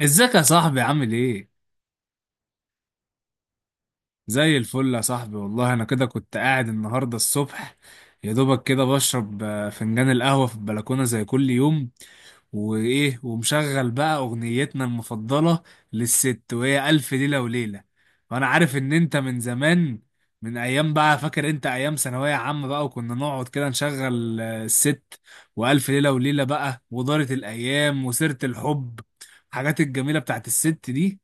ازيك يا صاحبي، عامل ايه؟ زي الفل يا صاحبي، والله انا كده كنت قاعد النهارده الصبح، يا دوبك كده بشرب فنجان القهوة في البلكونة زي كل يوم، وايه ومشغل بقى اغنيتنا المفضلة للست، وهي ألف ليلة وليلة. وانا عارف ان انت من زمان، من ايام بقى، فاكر انت ايام ثانوية عامة بقى، وكنا نقعد كده نشغل الست وألف ليلة وليلة بقى، ودارت الايام وسيرة الحب، الحاجات الجميلة بتاعت الست دي.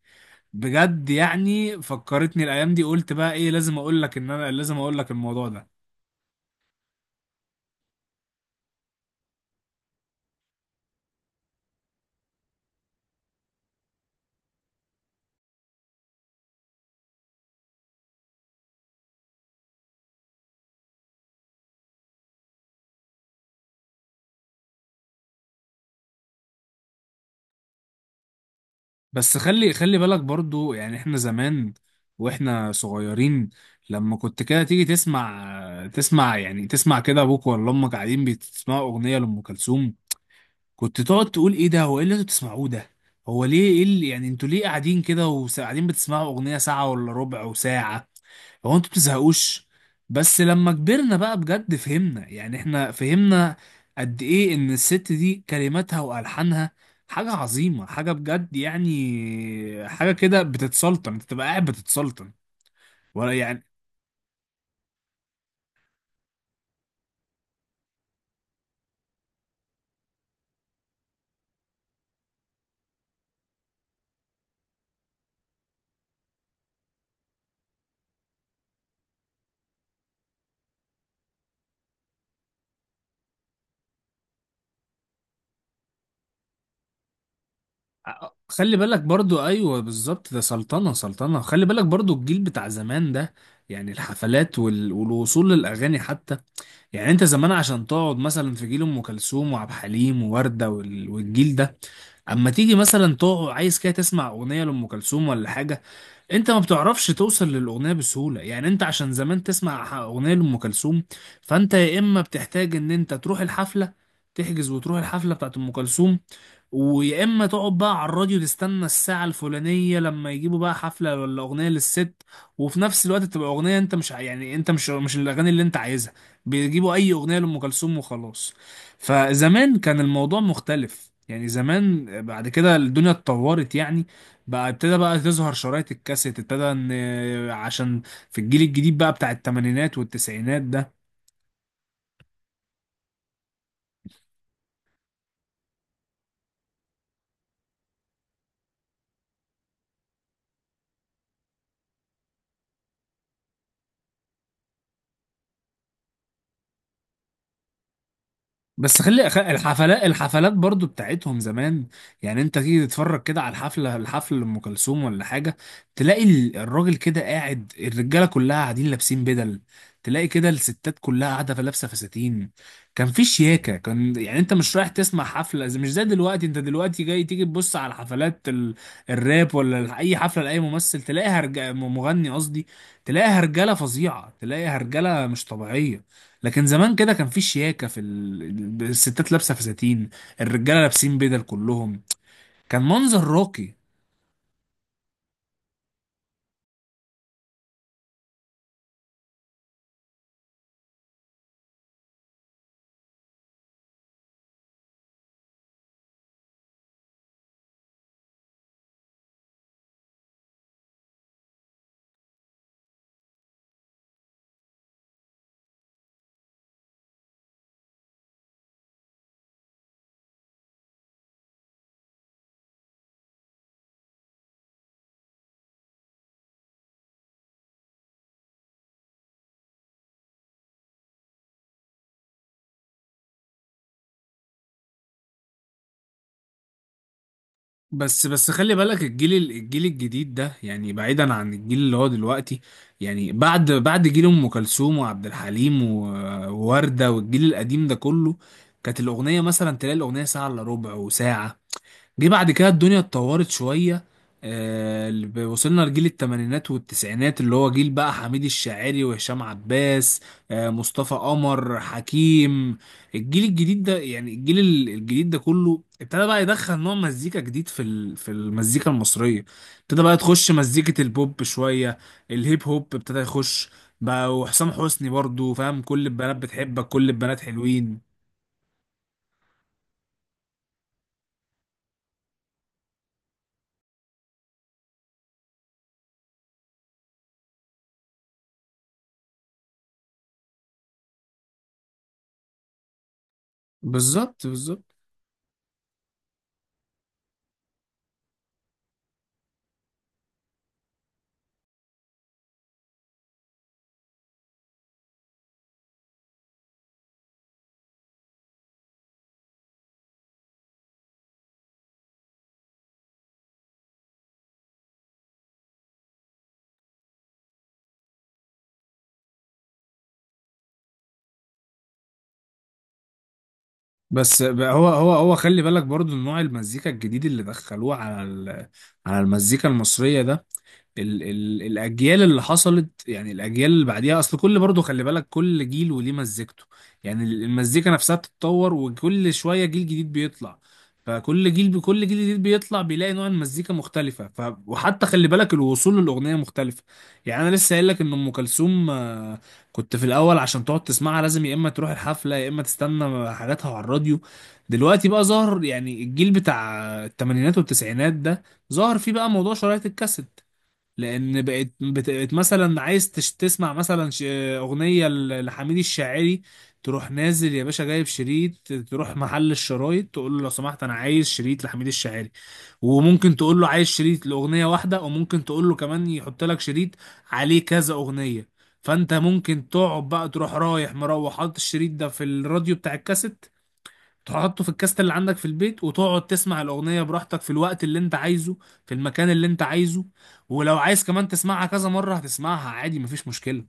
بجد يعني فكرتني الايام دي، قلت بقى ايه، لازم اقول لك ان انا لازم اقول لك الموضوع ده. بس خلي بالك برضو، يعني احنا زمان واحنا صغيرين، لما كنت كده تيجي تسمع يعني تسمع كده ابوك ولا امك قاعدين بتسمعوا اغنيه لام كلثوم، كنت تقعد تقول ايه ده؟ هو ايه اللي انتوا بتسمعوه ده؟ هو ليه، ايه اللي يعني انتوا ليه قاعدين كده وقاعدين بتسمعوا اغنيه ساعه ولا ربع وساعه؟ هو انتوا بتزهقوش؟ بس لما كبرنا بقى بجد فهمنا، يعني احنا فهمنا قد ايه ان الست دي كلماتها والحانها حاجة عظيمة، حاجة بجد يعني، حاجة كده بتتسلطن، انت تبقى قاعد بتتسلطن، ولا يعني. خلي بالك برضو، ايوه بالظبط، ده سلطنة سلطنة. خلي بالك برضو الجيل بتاع زمان ده، يعني الحفلات والوصول للاغاني حتى. يعني انت زمان عشان تقعد مثلا في جيل ام كلثوم وعبد الحليم ووردة والجيل ده، اما تيجي مثلا تقعد عايز كده تسمع اغنية لام كلثوم ولا حاجة، انت ما بتعرفش توصل للاغنيه بسهوله، يعني انت عشان زمان تسمع اغنيه لام كلثوم، فانت يا اما بتحتاج ان انت تروح الحفله، تحجز وتروح الحفله بتاعت ام كلثوم، ويا اما تقعد بقى على الراديو تستنى الساعه الفلانيه لما يجيبوا بقى حفله ولا اغنيه للست. وفي نفس الوقت تبقى اغنيه انت مش ع- يعني انت مش الاغاني اللي انت عايزها، بيجيبوا اي اغنيه لام كلثوم وخلاص. فزمان كان الموضوع مختلف، يعني زمان بعد كده الدنيا اتطورت يعني، بقى ابتدى بقى تظهر شرايط الكاسيت، ابتدى ان عشان في الجيل الجديد بقى بتاع التمانينات والتسعينات ده. بس الحفلات برضو بتاعتهم زمان، يعني انت تيجي تتفرج كده على الحفل لام كلثوم ولا حاجه، تلاقي الراجل كده قاعد، الرجاله كلها قاعدين لابسين بدل، تلاقي كده الستات كلها قاعده في لابسه فساتين، كان في شياكه، كان يعني انت مش رايح تسمع حفله مش زي دلوقتي، انت دلوقتي جاي تيجي تبص على حفلات الراب ولا اي حفله لاي ممثل تلاقيها مغني قصدي، تلاقيها رجاله فظيعه، تلاقيها رجاله مش طبيعيه. لكن زمان كده كان في شياكة، في الستات لابسة فساتين، الرجالة لابسين بدل كلهم، كان منظر راقي. بس خلي بالك الجيل الجديد ده، يعني بعيدا عن الجيل اللي هو دلوقتي، يعني بعد جيل أم كلثوم وعبد الحليم ووردة والجيل القديم ده كله، كانت الأغنية مثلا تلاقي الأغنية ساعة إلا ربع وساعة. جه بعد كده الدنيا اتطورت شوية، وصلنا لجيل التمانينات والتسعينات اللي هو جيل بقى حميد الشاعري وهشام عباس، مصطفى قمر، حكيم. الجيل الجديد ده يعني الجيل الجديد ده كله ابتدى بقى يدخل نوع مزيكا جديد في المزيكا المصرية، ابتدى بقى تخش مزيكة البوب شوية، الهيب هوب ابتدى يخش بقى، وحسام حسني برضو، فاهم، كل البنات بتحبك، كل البنات حلوين. بالظبط، بالظبط. بس بقى هو خلي بالك برضو نوع المزيكا الجديد اللي دخلوه على المزيكا المصرية ده، ال ال الاجيال اللي حصلت، يعني الاجيال اللي بعديها، اصل كل برضه خلي بالك كل جيل وليه مزيكته، يعني المزيكا نفسها بتتطور، وكل شويه جيل جديد بيطلع، فكل جيل بكل جيل جديد بيطلع بيلاقي نوع المزيكا مختلفه، وحتى خلي بالك الوصول للاغنيه مختلفه. يعني انا لسه قايل لك ان ام كلثوم كنت في الاول عشان تقعد تسمعها لازم يا اما تروح الحفله، يا اما تستنى حاجاتها على الراديو. دلوقتي بقى ظهر يعني الجيل بتاع الثمانينات والتسعينات ده، ظهر فيه بقى موضوع شرايط الكاسيت، لان بقت مثلا عايز تسمع مثلا اغنيه لحميد الشاعري، تروح نازل يا باشا جايب شريط، تروح محل الشرايط تقول له لو سمحت انا عايز شريط لحميد الشاعري، وممكن تقول له عايز شريط لاغنيه واحده، وممكن تقول له كمان يحط لك شريط عليه كذا اغنيه، فانت ممكن تقعد بقى تروح رايح مروح حاطط الشريط ده في الراديو بتاع الكاسيت، تحطه في الكاست اللي عندك في البيت، وتقعد تسمع الأغنية براحتك في الوقت اللي انت عايزه، في المكان اللي انت عايزه، ولو عايز كمان تسمعها كذا مرة هتسمعها عادي مفيش مشكلة.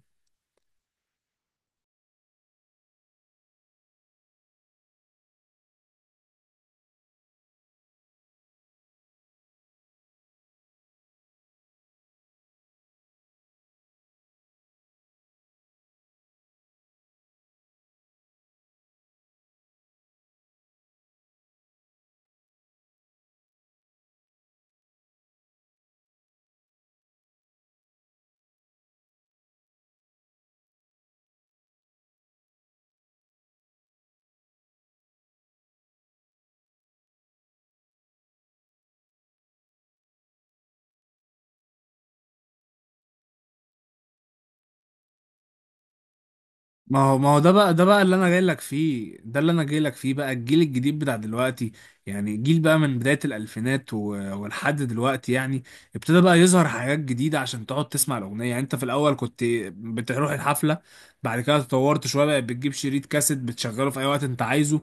ما هو ده بقى، ده بقى اللي انا جاي لك فيه، ده اللي انا جاي لك فيه، بقى الجيل الجديد بتاع دلوقتي، يعني جيل بقى من بداية الألفينات ولحد دلوقتي يعني، ابتدى بقى يظهر حاجات جديدة عشان تقعد تسمع الأغنية. يعني انت في الأول كنت بتروح الحفلة، بعد كده اتطورت شوية بقى بتجيب شريط كاسيت بتشغله في أي وقت انت عايزه.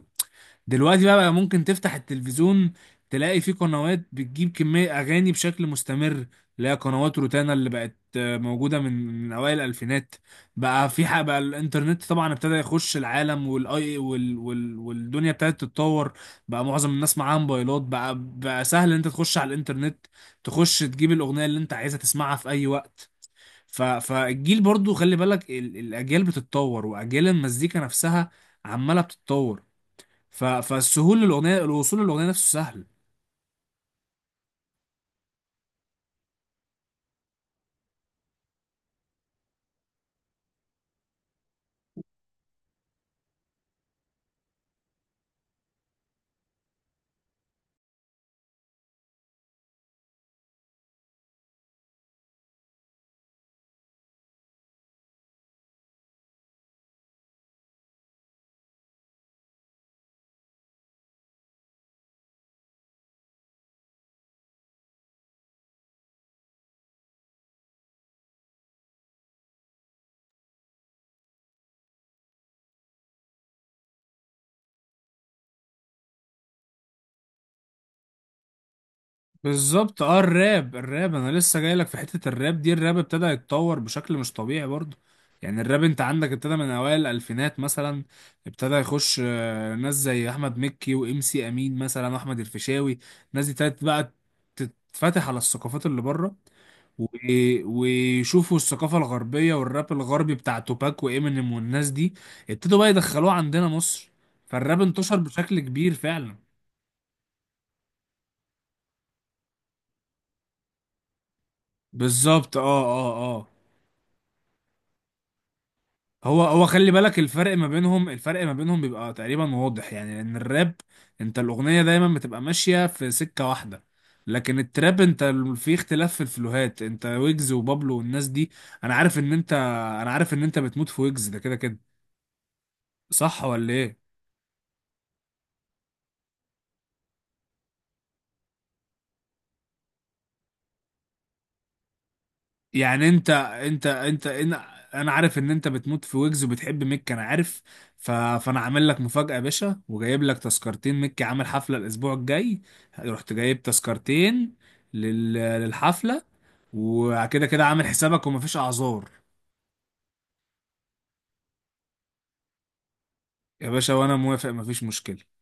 دلوقتي بقى ممكن تفتح التلفزيون تلاقي فيه قنوات بتجيب كمية أغاني بشكل مستمر، اللي هي قنوات روتانا اللي بقت موجودة من أوائل الألفينات. بقى في حق بقى الإنترنت طبعا ابتدى يخش العالم، والأي وال وال والدنيا ابتدت تتطور، بقى معظم الناس معاها موبايلات، بقى سهل إن أنت تخش على الإنترنت، تخش تجيب الأغنية اللي أنت عايزها تسمعها في أي وقت. فالجيل برضو خلي بالك الأجيال بتتطور، وأجيال المزيكا نفسها عمالة بتتطور. ف... فالسهول للاغنيه الوصول للاغنيه نفسه سهل. بالظبط. اه الراب انا لسه جاي لك في حته الراب دي، الراب ابتدى يتطور بشكل مش طبيعي برضه، يعني الراب انت عندك ابتدى من اوائل الالفينات مثلا، ابتدى يخش ناس زي احمد مكي وام سي امين مثلا واحمد الفيشاوي، الناس دي ابتدت بقى تتفتح على الثقافات اللي بره، و... ويشوفوا الثقافه الغربيه والراب الغربي بتاع توباك وامينيم والناس دي، ابتدوا بقى يدخلوه عندنا مصر، فالراب انتشر بشكل كبير فعلا. بالظبط، اه، اه، اه. هو خلي بالك الفرق ما بينهم، الفرق ما بينهم بيبقى تقريبا واضح، يعني لان الراب انت الاغنيه دايما بتبقى ماشيه في سكه واحده، لكن التراب انت في اختلاف في الفلوهات، انت ويجز وبابلو والناس دي، انا عارف ان انت انا عارف ان انت بتموت في ويجز ده كده كده، صح ولا ايه؟ يعني انت انا عارف ان انت بتموت في ويجز وبتحب ميك، انا عارف. فانا عامل لك مفاجأة يا باشا، وجايب لك تذكرتين، ميك عامل حفلة الاسبوع الجاي، رحت جايب تذكرتين للحفلة، وكده كده عامل حسابك ومفيش اعذار، يا باشا، وانا موافق مفيش مشكلة.